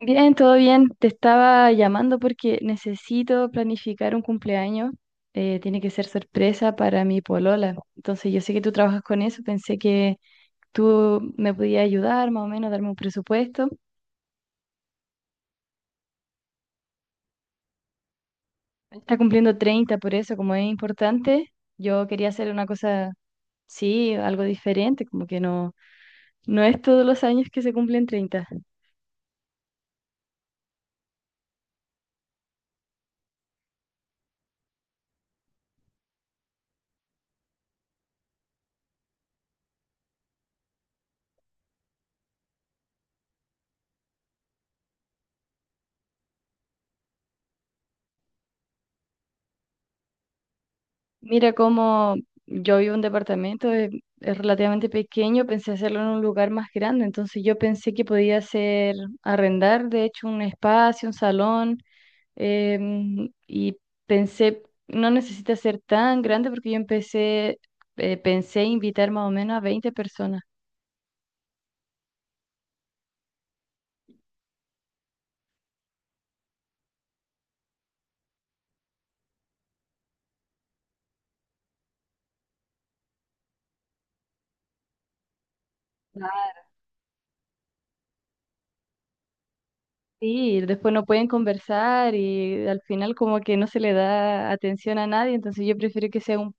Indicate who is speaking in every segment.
Speaker 1: Bien, todo bien. Te estaba llamando porque necesito planificar un cumpleaños. Tiene que ser sorpresa para mi polola. Entonces, yo sé que tú trabajas con eso. Pensé que tú me podías ayudar, más o menos, darme un presupuesto. Está cumpliendo 30, por eso, como es importante, yo quería hacer una cosa, sí, algo diferente, como que no, no es todos los años que se cumplen 30. Mira, como yo vivo en un departamento, es relativamente pequeño, pensé hacerlo en un lugar más grande, entonces yo pensé que podía hacer, arrendar, de hecho, un espacio, un salón, y pensé, no necesita ser tan grande porque yo empecé, pensé invitar más o menos a 20 personas. Sí, después no pueden conversar y al final como que no se le da atención a nadie, entonces yo prefiero que sea un,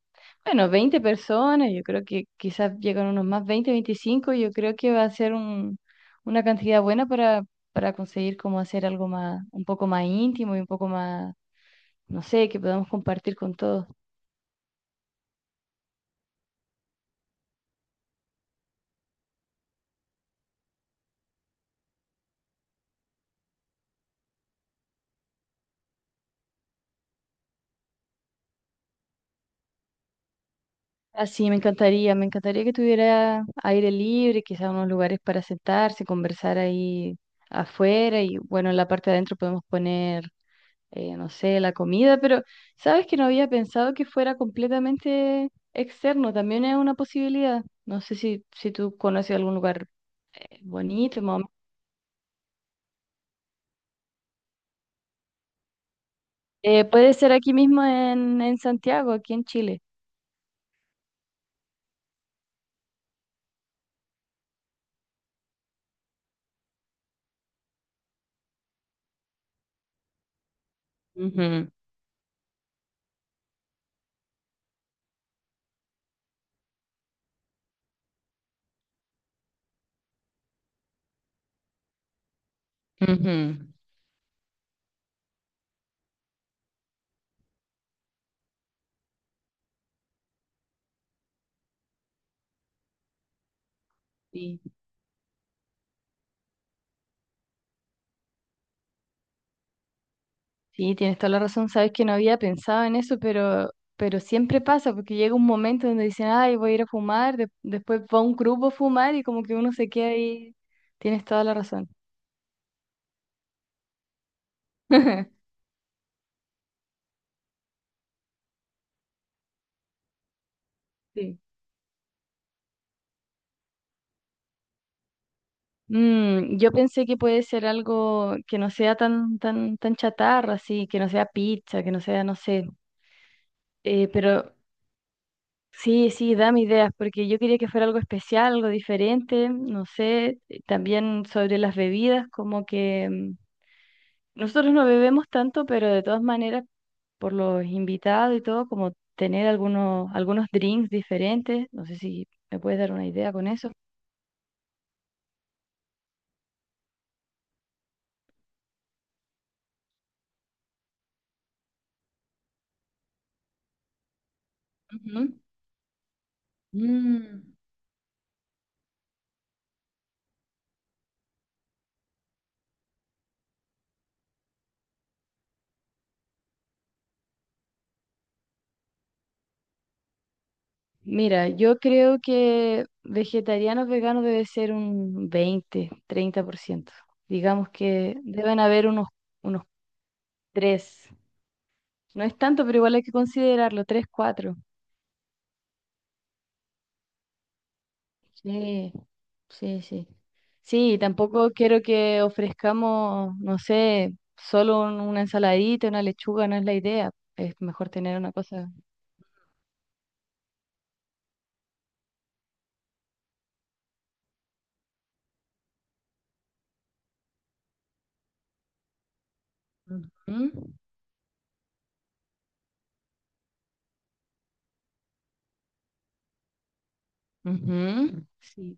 Speaker 1: bueno, 20 personas, yo creo que quizás llegan unos más 20, 25, yo creo que va a ser una cantidad buena para conseguir como hacer algo más, un poco más íntimo y un poco más, no sé, que podamos compartir con todos. Así me encantaría que tuviera aire libre, quizás unos lugares para sentarse, conversar ahí afuera y bueno, en la parte de adentro podemos poner no sé, la comida, pero sabes que no había pensado que fuera completamente externo, también es una posibilidad. No sé si tú conoces algún lugar bonito, más o menos. Puede ser aquí mismo en, Santiago, aquí en Chile. Ujú, ujú. Sí, sí, tienes toda la razón, sabes que no había pensado en eso, pero siempre pasa, porque llega un momento donde dicen, ay, voy a ir a fumar, después va un grupo a fumar y como que uno se queda ahí. Tienes toda la razón. Sí. Yo pensé que puede ser algo que no sea tan, tan, tan chatarra, así, que no sea pizza, que no sea, no sé. Pero sí, sí, dame ideas, porque yo quería que fuera algo especial, algo diferente, no sé. También sobre las bebidas, como que nosotros no bebemos tanto, pero de todas maneras, por los invitados y todo, como tener algunos drinks diferentes. No sé si me puedes dar una idea con eso. Ujú. Mm. Mira, yo creo que vegetarianos, veganos debe ser un 20, 30%. Digamos que deben haber unos 3. No es tanto, pero igual hay que considerarlo. 3 4. Sí, sí, sí. Sí, tampoco quiero que ofrezcamos, no sé, solo una ensaladita, una lechuga, no es la idea. Es mejor tener una cosa. Ujú, ujú, sí.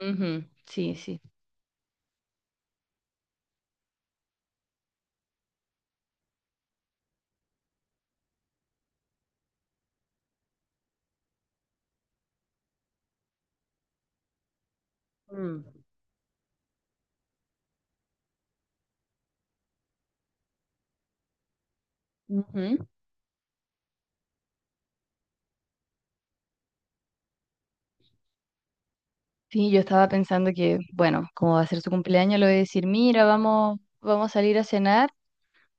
Speaker 1: Ujú, sí, sí. Mm, ujú. Sí, yo estaba pensando que, bueno, como va a ser su cumpleaños, le voy a decir, mira, vamos, vamos a salir a cenar,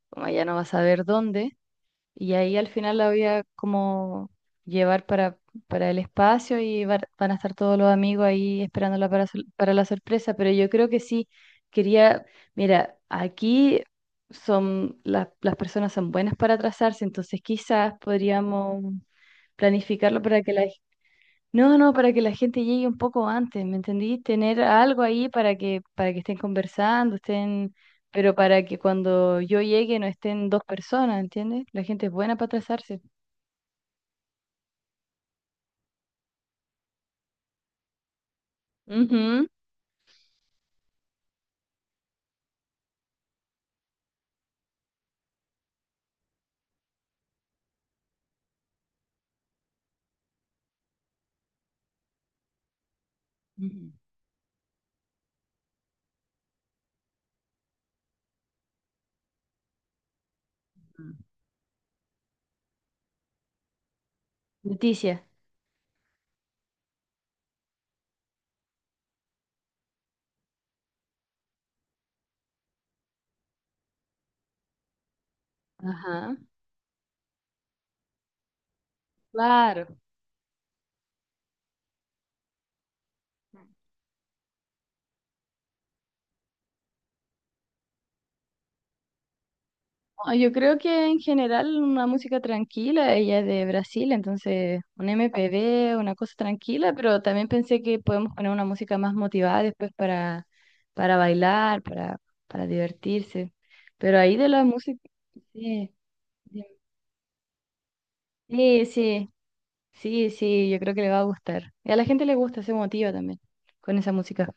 Speaker 1: como ella no va a saber dónde, y ahí al final la voy a como llevar para, el espacio y van a estar todos los amigos ahí esperándola para la sorpresa, pero yo creo que sí, quería, mira, aquí son, las personas son buenas para atrasarse, entonces quizás podríamos planificarlo para que la, no, no, para que la gente llegue un poco antes, ¿me entendí? Tener algo ahí para que, estén conversando, estén, pero para que cuando yo llegue no estén dos personas, ¿entiendes? La gente es buena para atrasarse. Ujú. Ujú. Leticia. Ajá. Claro. No, yo creo que en general una música tranquila, ella es de Brasil, entonces un MPB, una cosa tranquila, pero también pensé que podemos poner una música más motivada después para bailar, para divertirse. Pero ahí de la música, sí, sí, sí, sí, sí, sí, yo creo que le va a gustar. Y a la gente le gusta, se motiva también con esa música.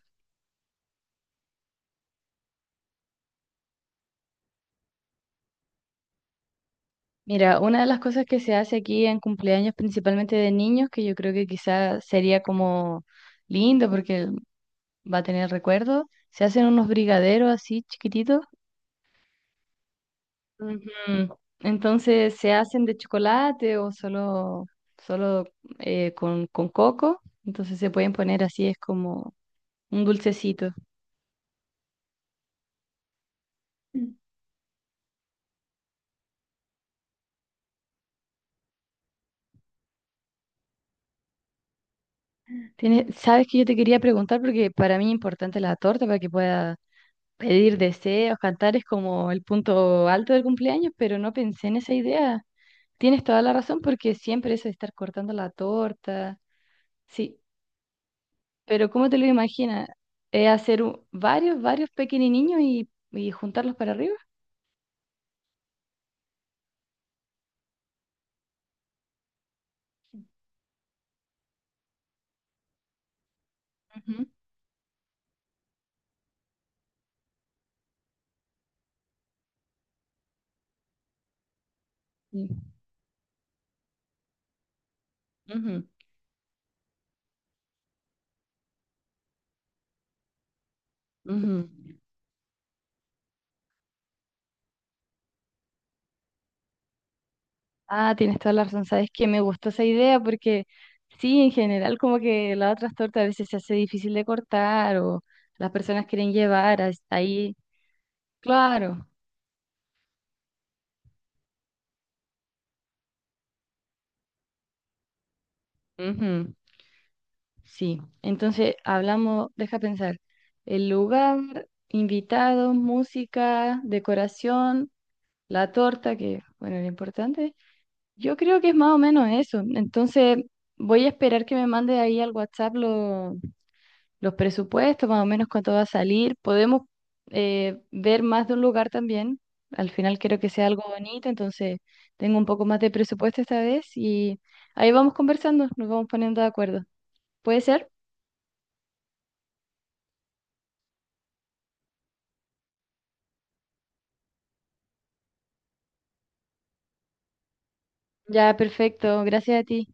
Speaker 1: Mira, una de las cosas que se hace aquí en cumpleaños, principalmente de niños, que yo creo que quizás sería como lindo, porque va a tener recuerdo. Se hacen unos brigaderos así chiquititos. Ujú. Entonces se hacen de chocolate o solo con coco. Entonces se pueden poner así, es como un dulcecito. Sabes que yo te quería preguntar, porque para mí es importante la torta para que pueda pedir deseos, cantar es como el punto alto del cumpleaños, pero no pensé en esa idea. Tienes toda la razón porque siempre eso de estar cortando la torta. Sí. Pero ¿cómo te lo imaginas? ¿Es hacer varios pequeñinos y juntarlos para arriba? Ujú, sí. Ujú, ujú. Ah, tienes toda la razón. Sabes que me gustó esa idea porque sí, en general como que las otras tortas a veces se hace difícil de cortar o las personas quieren llevar ahí. Claro, ujú, sí. Entonces hablamos, deja pensar, el lugar, invitados, música, decoración, la torta, que bueno, era importante. Yo creo que es más o menos eso. Entonces, voy a esperar que me mande ahí al WhatsApp los presupuestos, más o menos cuánto va a salir. Podemos ver más de un lugar también. Al final quiero que sea algo bonito, entonces tengo un poco más de presupuesto esta vez y ahí vamos conversando, nos vamos poniendo de acuerdo. ¿Puede ser? Ya, perfecto. Gracias a ti.